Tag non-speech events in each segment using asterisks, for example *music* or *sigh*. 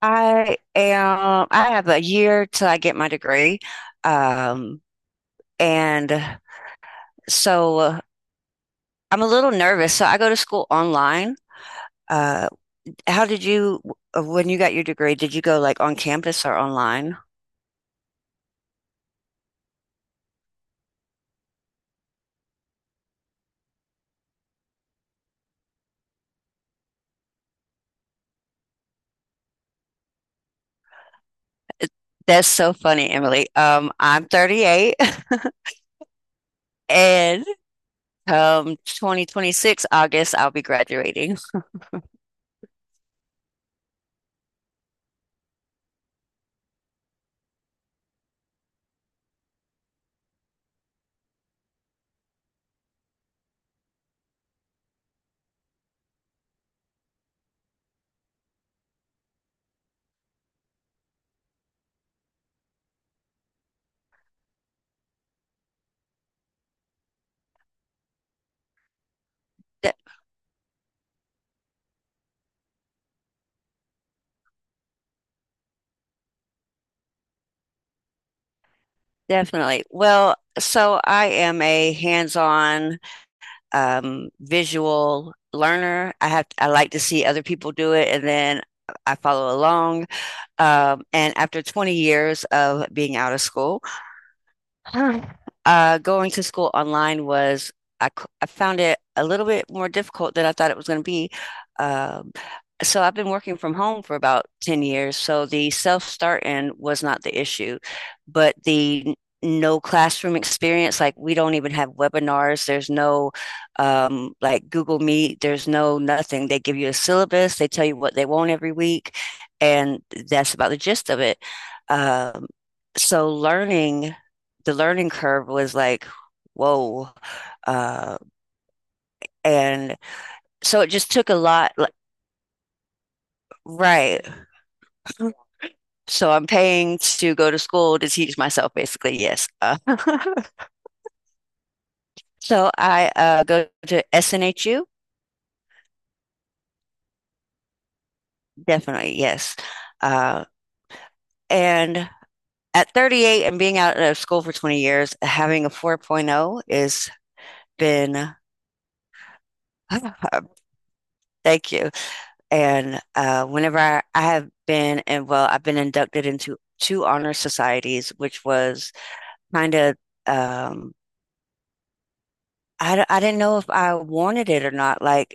I have a year till I get my degree. Um, and so I'm a little nervous. So I go to school online. Uh, how did you, when you got your degree, did you go like on campus or online? That's so funny, Emily. I'm 38 *laughs* and come 2026 August, I'll be graduating. *laughs* Definitely. Well, so I am a hands-on visual learner. I like to see other people do it, and then I follow along. And after 20 years of being out of school, *sighs* Going to school online was I found it a little bit more difficult than I thought it was going to be. Um, so I've been working from home for about 10 years, so the self-starting was not the issue, but the no classroom experience, like we don't even have webinars, there's no like Google Meet, there's no nothing. They give you a syllabus, they tell you what they want every week, and that's about the gist of it. Um, so learning the learning curve was like, whoa. Uh, and so it just took a lot. Like, right. *clears throat* So I'm paying to go to school to teach myself, basically. Yes. *laughs* So I go to SNHU. Definitely. Yes. Uh, and at 38 and being out of school for 20 years, having a 4.0 is been. *sighs* *laughs* Thank you. And whenever I have been, and well, I've been inducted into two honor societies, which was kind of. Um, I d- I didn't know if I wanted it or not. Like,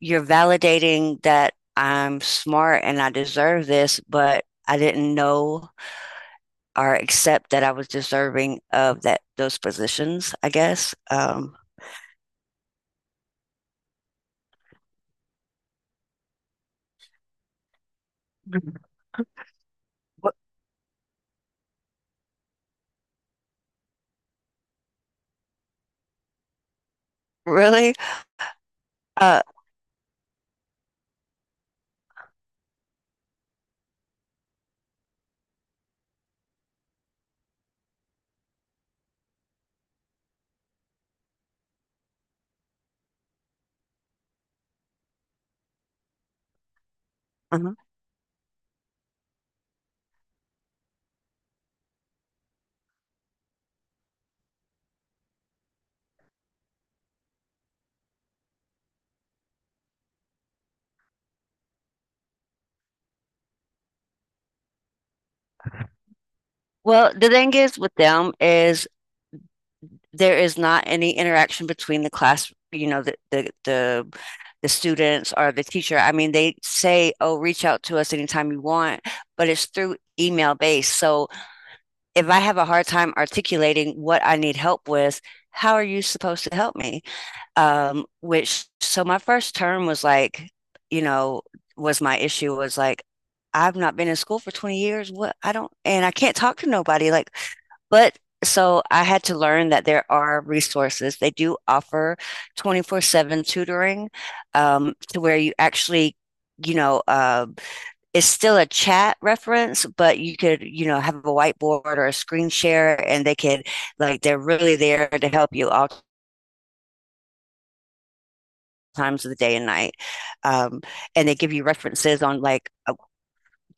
you're validating that I'm smart and I deserve this, but I didn't know or accept that I was deserving of that those positions, I guess. Really? Uh, uh-huh. Well, the thing is with them is there is not any interaction between the class, the the students or the teacher. I mean, they say, "Oh, reach out to us anytime you want," but it's through email based. So if I have a hard time articulating what I need help with, how are you supposed to help me? Which so my first term was like, you know, was my issue was like, I've not been in school for 20 years. What I don't, and I can't talk to nobody. Like, but so I had to learn that there are resources. They do offer 24/7 tutoring, to where you actually, you know, uh, it's still a chat reference, but you could, have a whiteboard or a screen share, and they could, like, they're really there to help you all times of the day and night. Um, and they give you references on, like,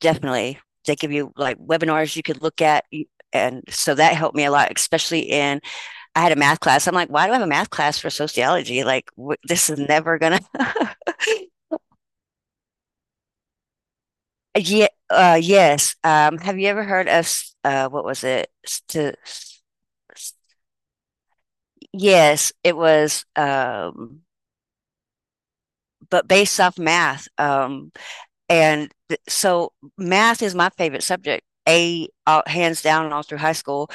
definitely, they give you like webinars you could look at. And so that helped me a lot, especially, in I had a math class. I'm like, why do I have a math class for sociology? Like, this is never gonna. *laughs* Yeah, yes. Have you ever heard of what was it? St Yes, it was. But based off math. And th so math is my favorite subject. A Hands down all through high school.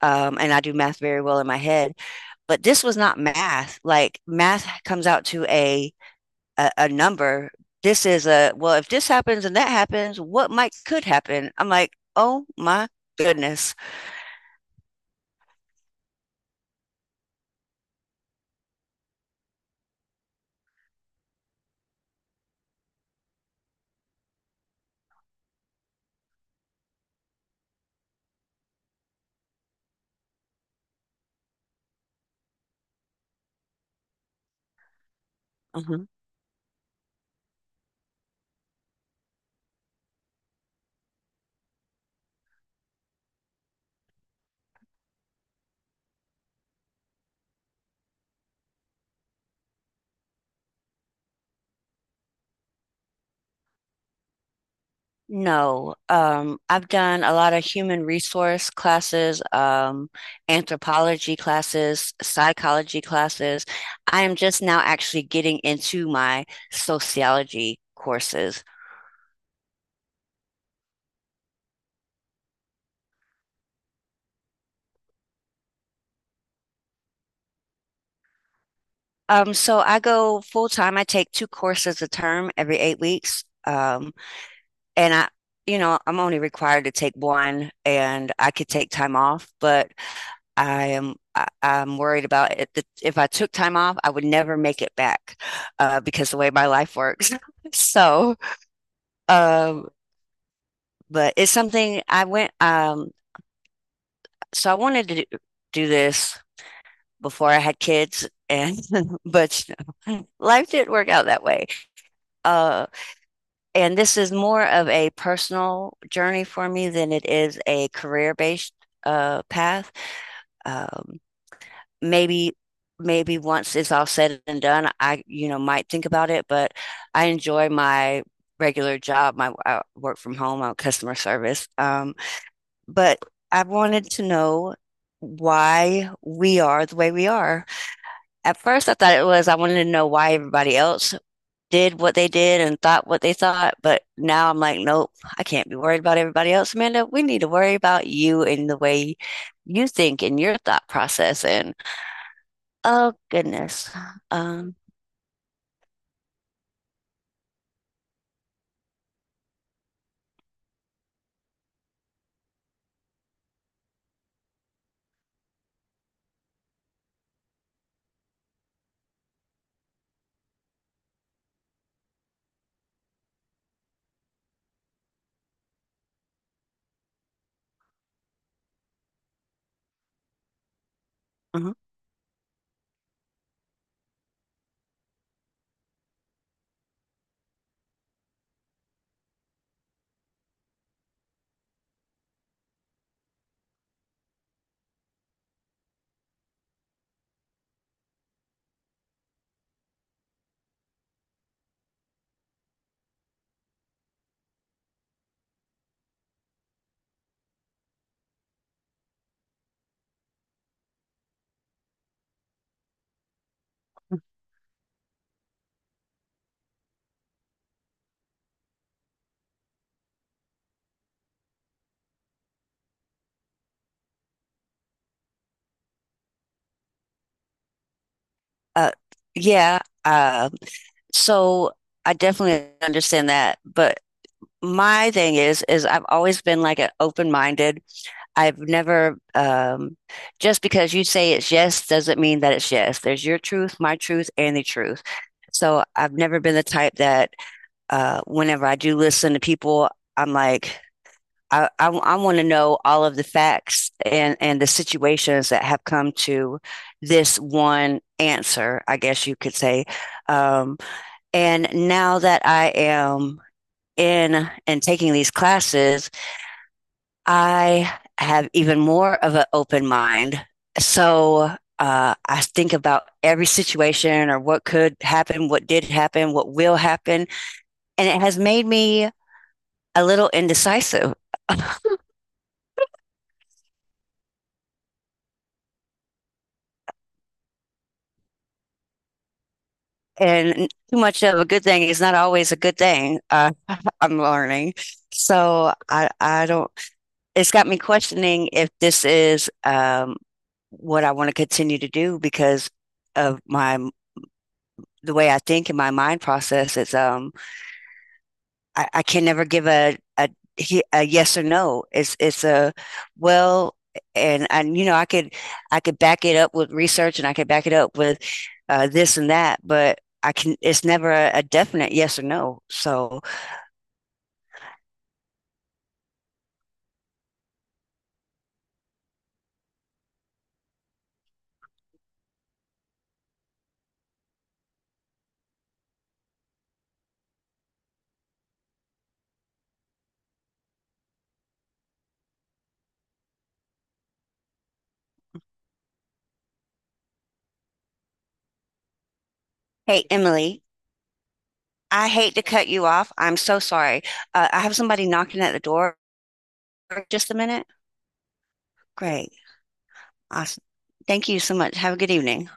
And I do math very well in my head. But this was not math. Like math comes out to a a number. This is a, well, if this happens and that happens, what might could happen? I'm like, oh my goodness. Mhm. No, I've done a lot of human resource classes, anthropology classes, psychology classes. I am just now actually getting into my sociology courses. So I go full time. I take two courses a term every 8 weeks. And I'm only required to take one and I could take time off, but I'm worried about it. That If I took time off, I would never make it back because the way my life works. *laughs* So, um, but it's something I went, so I wanted to do this before I had kids and, *laughs* but *laughs* life didn't work out that way. Uh, and this is more of a personal journey for me than it is a career-based path. Um, maybe maybe once it's all said and done, I might think about it, but I enjoy my regular job. My I work from home, I'm customer service. But I wanted to know why we are the way we are. At first, I thought it was I wanted to know why everybody else did what they did and thought what they thought. But now I'm like, nope, I can't be worried about everybody else, Amanda. We need to worry about you and the way you think and your thought process. And oh goodness, um, mhm. uh, yeah. uh, so I definitely understand that, but my thing is I've always been like an open-minded I've never, just because you say it's yes doesn't mean that it's yes. There's your truth, my truth, and the truth. So I've never been the type that whenever I do listen to people, I'm like, I want to know all of the facts and the situations that have come to this one answer, I guess you could say. Um, and now that I am in and taking these classes, I have even more of an open mind. So I think about every situation or what could happen, what did happen, what will happen. And it has made me a little indecisive. And too much of a good thing is not always a good thing. *laughs* I'm learning. So I don't, it's got me questioning if this is what I want to continue to do because of my, the way I think in my mind process. It's, I can never give a yes or no. It's a well, and I could back it up with research and I could back it up with this and that, but I can. It's never a definite yes or no. So, hey, Emily, I hate to cut you off. I'm so sorry. I have somebody knocking at the door. Just a minute. Great. Awesome. Thank you so much. Have a good evening.